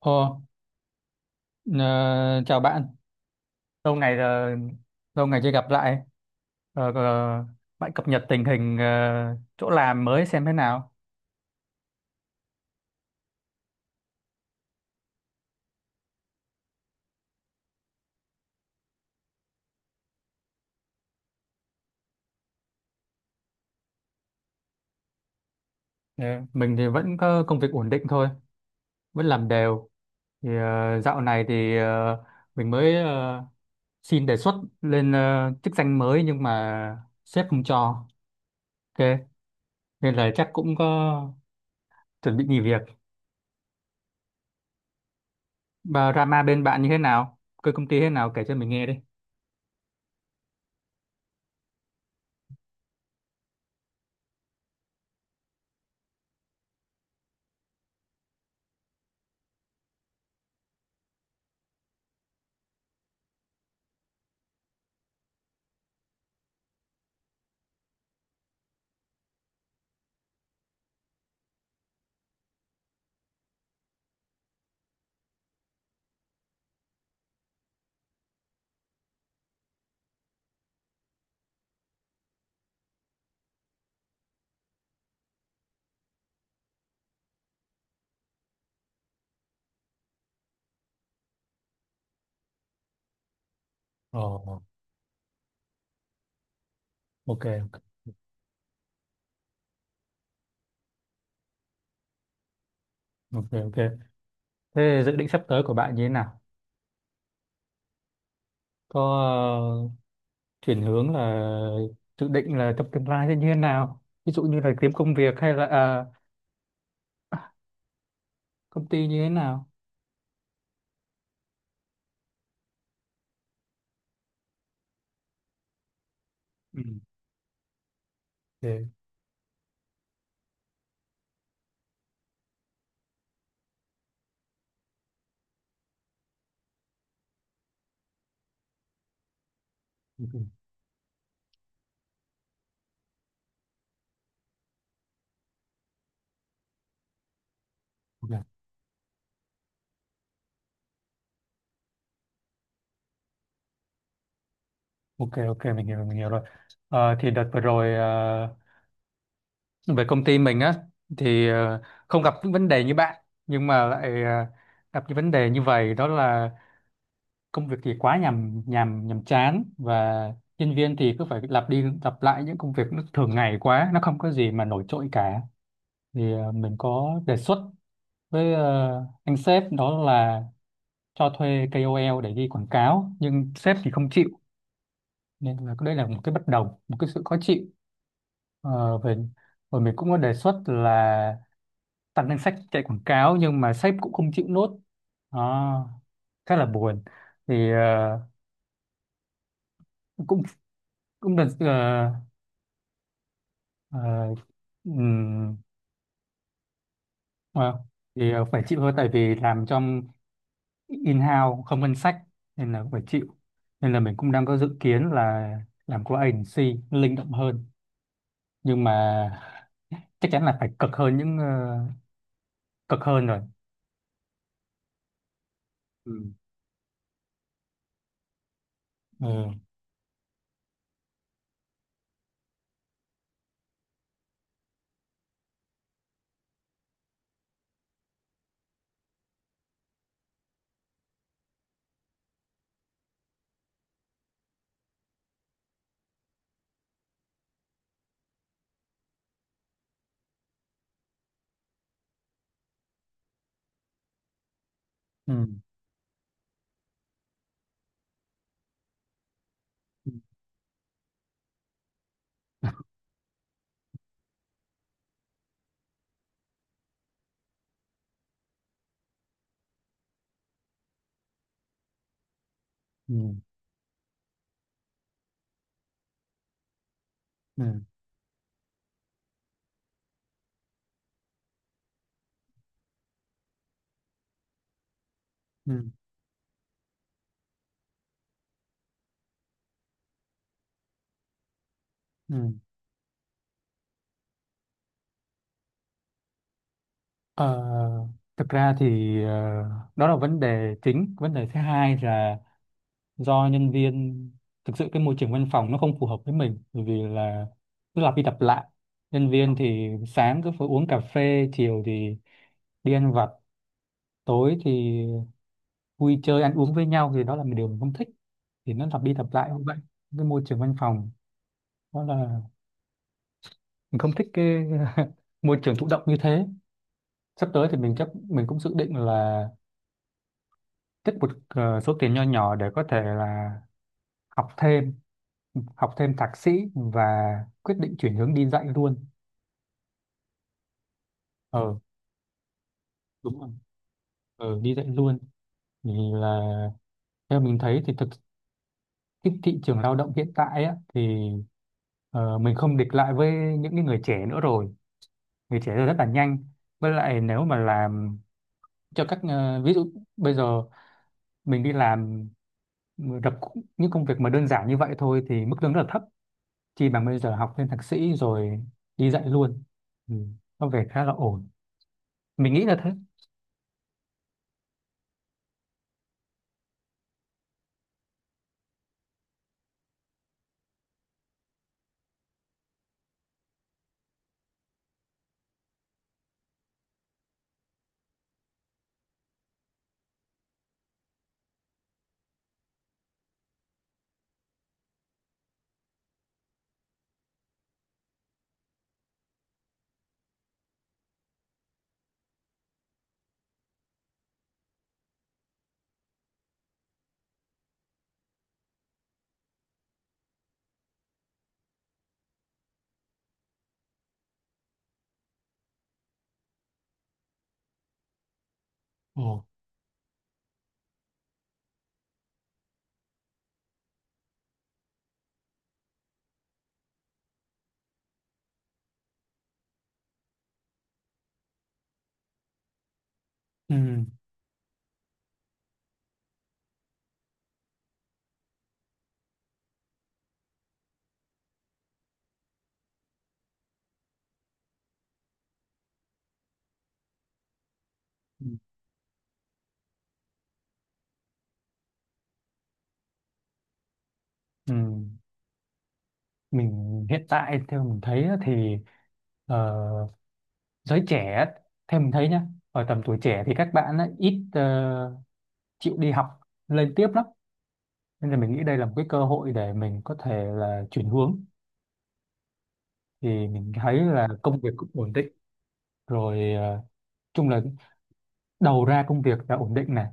Ồ, ờ, chào bạn. Lâu ngày rồi, lâu ngày chưa gặp lại. Ờ, ờ, bạn cập nhật tình hình chỗ làm mới xem thế nào. Ờ, mình thì vẫn có công việc ổn định thôi, vẫn làm đều. Thì dạo này thì mình mới xin đề xuất lên chức danh mới nhưng mà sếp không cho. Ok, nên là chắc cũng có chuẩn bị nghỉ việc. Và drama bên bạn như thế nào? Cơ công ty thế nào kể cho mình nghe đi. Ồ, ok, ok, ok. Thế dự định sắp tới của bạn như thế nào? Có ờ, chuyển hướng là dự định là trong tương lai sẽ như thế nào? Ví dụ như là kiếm công việc hay là à, công ty như thế nào? Ừ. Ok, ok, ok, ok, mình hiểu rồi. Thì đợt vừa rồi về công ty mình á thì không gặp những vấn đề như bạn nhưng mà lại gặp những vấn đề như vậy. Đó là công việc thì quá nhàm nhàm nhàm chán, và nhân viên thì cứ phải lặp đi lặp lại những công việc nó thường ngày quá, nó không có gì mà nổi trội cả. Thì mình có đề xuất với anh sếp đó là cho thuê KOL để đi quảng cáo, nhưng sếp thì không chịu, nên là đây là một cái bất đồng, một cái sự khó chịu. Ờ, về Rồi mình cũng có đề xuất là tăng danh sách chạy quảng cáo nhưng mà sếp cũng không chịu nốt. Đó, khá là buồn. Thì cũng cũng là Ờ, ừm, ờ, thì phải chịu thôi, tại vì làm trong in-house không ngân sách, nên là cũng phải chịu. Nên là mình cũng đang có dự kiến là làm qua agency, nó linh động hơn, nhưng mà chắc chắn là phải cực hơn. Cực hơn rồi. Ừ. Ừ. Ừ. Ừ. Ừ. Ừ. Ừ. Ừ. Ờ, Thực ra thì đó là vấn đề chính. Vấn đề thứ hai là do nhân viên. Thực sự cái môi trường văn phòng nó không phù hợp với mình, bởi vì là cứ lặp đi lặp lại. Nhân viên thì sáng cứ phải uống cà phê, chiều thì đi ăn vặt, tối thì vui chơi ăn uống với nhau, thì đó là một điều mình không thích. Thì nó lặp đi lặp lại như vậy. Cái môi trường văn phòng đó là mình không thích cái môi trường thụ động như thế. Sắp tới thì mình chắc mình cũng dự định là tích một số tiền nho nhỏ để có thể là học thêm học thêm thạc sĩ và quyết định chuyển hướng đi dạy luôn. ờ Đúng rồi, đi dạy luôn. Thì là theo mình thấy thì thực, cái thị trường lao động hiện tại á, thì mình không địch lại với những cái người trẻ nữa rồi. Người trẻ giờ rất là nhanh. Với lại nếu mà làm cho các ví dụ bây giờ mình đi làm đập những công việc mà đơn giản như vậy thôi, thì mức lương rất là thấp. Chỉ bằng bây giờ học lên thạc sĩ rồi đi dạy luôn. Ừ. Có vẻ khá là ổn, mình nghĩ là thế. Ồ. Ừ. Ừ. Ừ. Mình hiện tại theo mình thấy á, thì ờ, giới trẻ á, theo mình thấy nhá, ở tầm tuổi trẻ thì các bạn á, ít chịu đi học lên tiếp lắm, nên là mình nghĩ đây là một cái cơ hội để mình có thể là chuyển hướng. Thì mình thấy là công việc cũng ổn định rồi. Ờ, Chung là đầu ra công việc là ổn định này.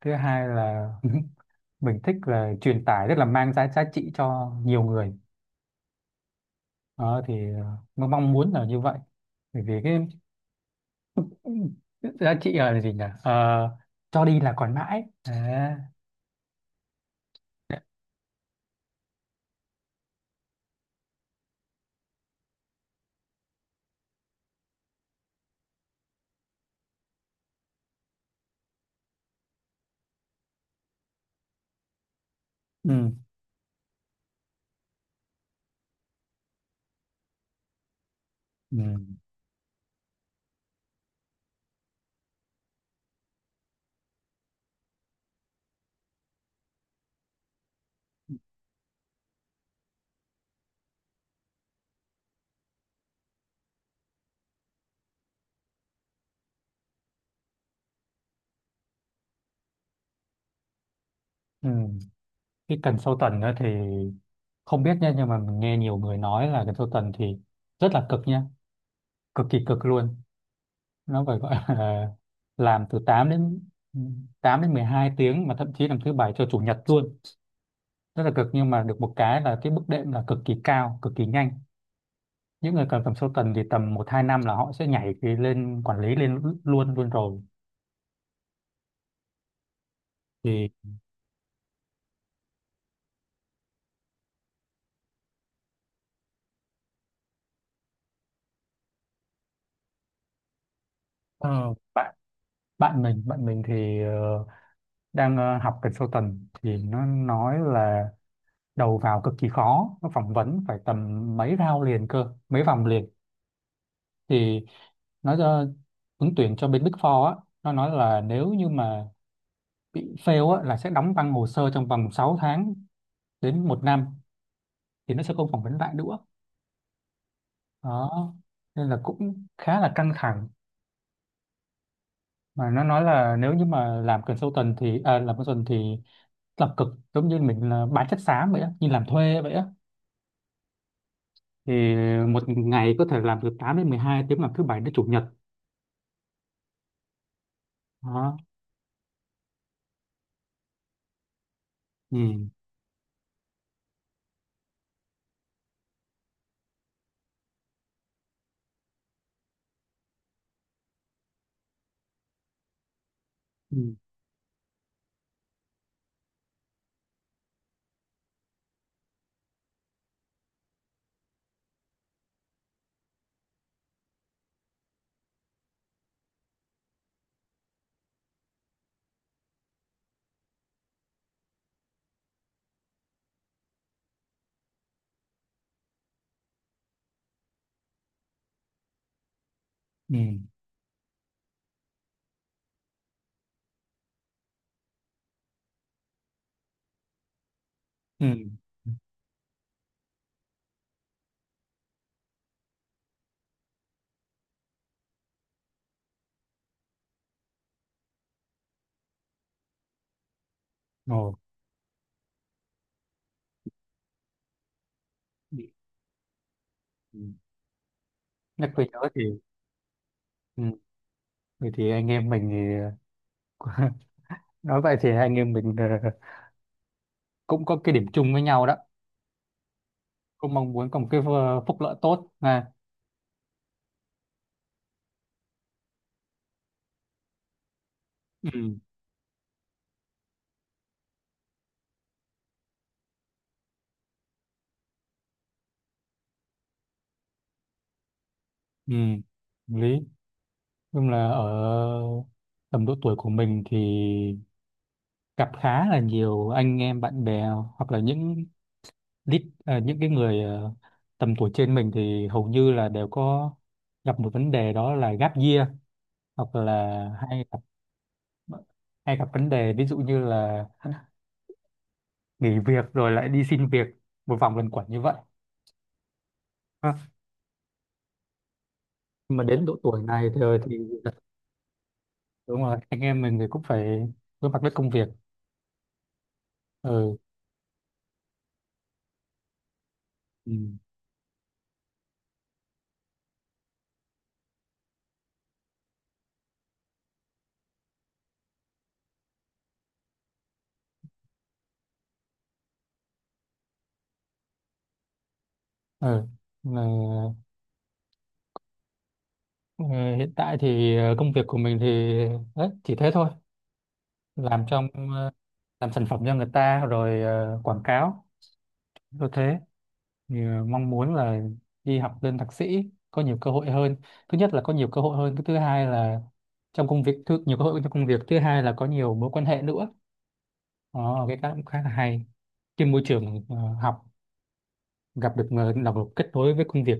Thứ hai là mình thích là truyền tải, rất là mang giá giá trị cho nhiều người. Đó thì mong mong muốn là như vậy, bởi vì cái... Ừ, giá trị là gì nhỉ. Ờ, cho đi là còn mãi à, ừ, ừ, ừ. Cái cần sâu tần á thì không biết nha, nhưng mà mình nghe nhiều người nói là cần sâu tần thì rất là cực nha, cực kỳ cực luôn. Nó phải gọi là làm từ 8 đến ừ, 12 tiếng, mà thậm chí làm thứ bảy cho chủ nhật luôn. Rất là cực, nhưng mà được một cái là cái bước đệm là cực kỳ cao, cực kỳ nhanh. Những người cần tầm sâu tần thì tầm một hai năm là họ sẽ nhảy cái lên quản lý lên luôn luôn rồi. Thì Ờ, bạn bạn mình thì đang học consultant thì nó nói là đầu vào cực kỳ khó, nó phỏng vấn phải tầm mấy round liền cơ, mấy vòng liền. Thì nó cho ứng tuyển cho bên Big Four á, nó nói là nếu như mà bị fail á là sẽ đóng băng hồ sơ trong vòng 6 tháng đến một năm, thì nó sẽ không phỏng vấn lại nữa. Đó, nên là cũng khá là căng thẳng. Mà nó nói là nếu như mà làm consultant thì làm cực, giống như mình là bán chất xám vậy á, như làm thuê vậy á. Thì một ngày có thể làm từ 8 đến 12 tiếng, làm thứ bảy đến chủ nhật. Đó. Ừ. Ừ. Ừ. Ừ. Ồ. Ừ. Ừ. Nhắc về nhớ thì... Ừ. Vậy thì anh em mình thì nói vậy thì anh em mình cũng có cái điểm chung với nhau đó. Cũng mong muốn có một cái phúc lợi tốt này. Ừ. ừ lý Nhưng là ở tầm độ tuổi của mình thì gặp khá là nhiều anh em bạn bè, hoặc là những cái người tầm tuổi trên mình, thì hầu như là đều có gặp một vấn đề, đó là gap year. Hoặc là hay gặp vấn đề ví dụ như là nghỉ việc rồi lại đi xin việc, một vòng luẩn quẩn như vậy. Ha. Nhưng mà đến độ tuổi này thì đúng rồi, anh em mình thì cũng phải đối mặt với công việc. Ừ. Ừ. Ừ. Ờ, ờ, Hiện tại thì công việc của mình thì đấy, chỉ thế thôi. làm trong ờ, làm sản phẩm cho người ta rồi quảng cáo như thế. Thì mong muốn là đi học lên thạc sĩ, có nhiều cơ hội hơn. Thứ nhất là có nhiều cơ hội hơn, cái thứ hai là trong công việc thứ, nhiều cơ hội trong công việc. Thứ hai là có nhiều mối quan hệ nữa. Đó, cái đó cũng khá là hay. Trên môi trường học gặp được người đồng kết nối với công việc.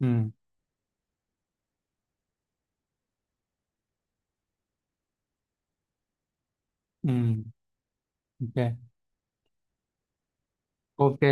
Ừ, ừ, ok, ok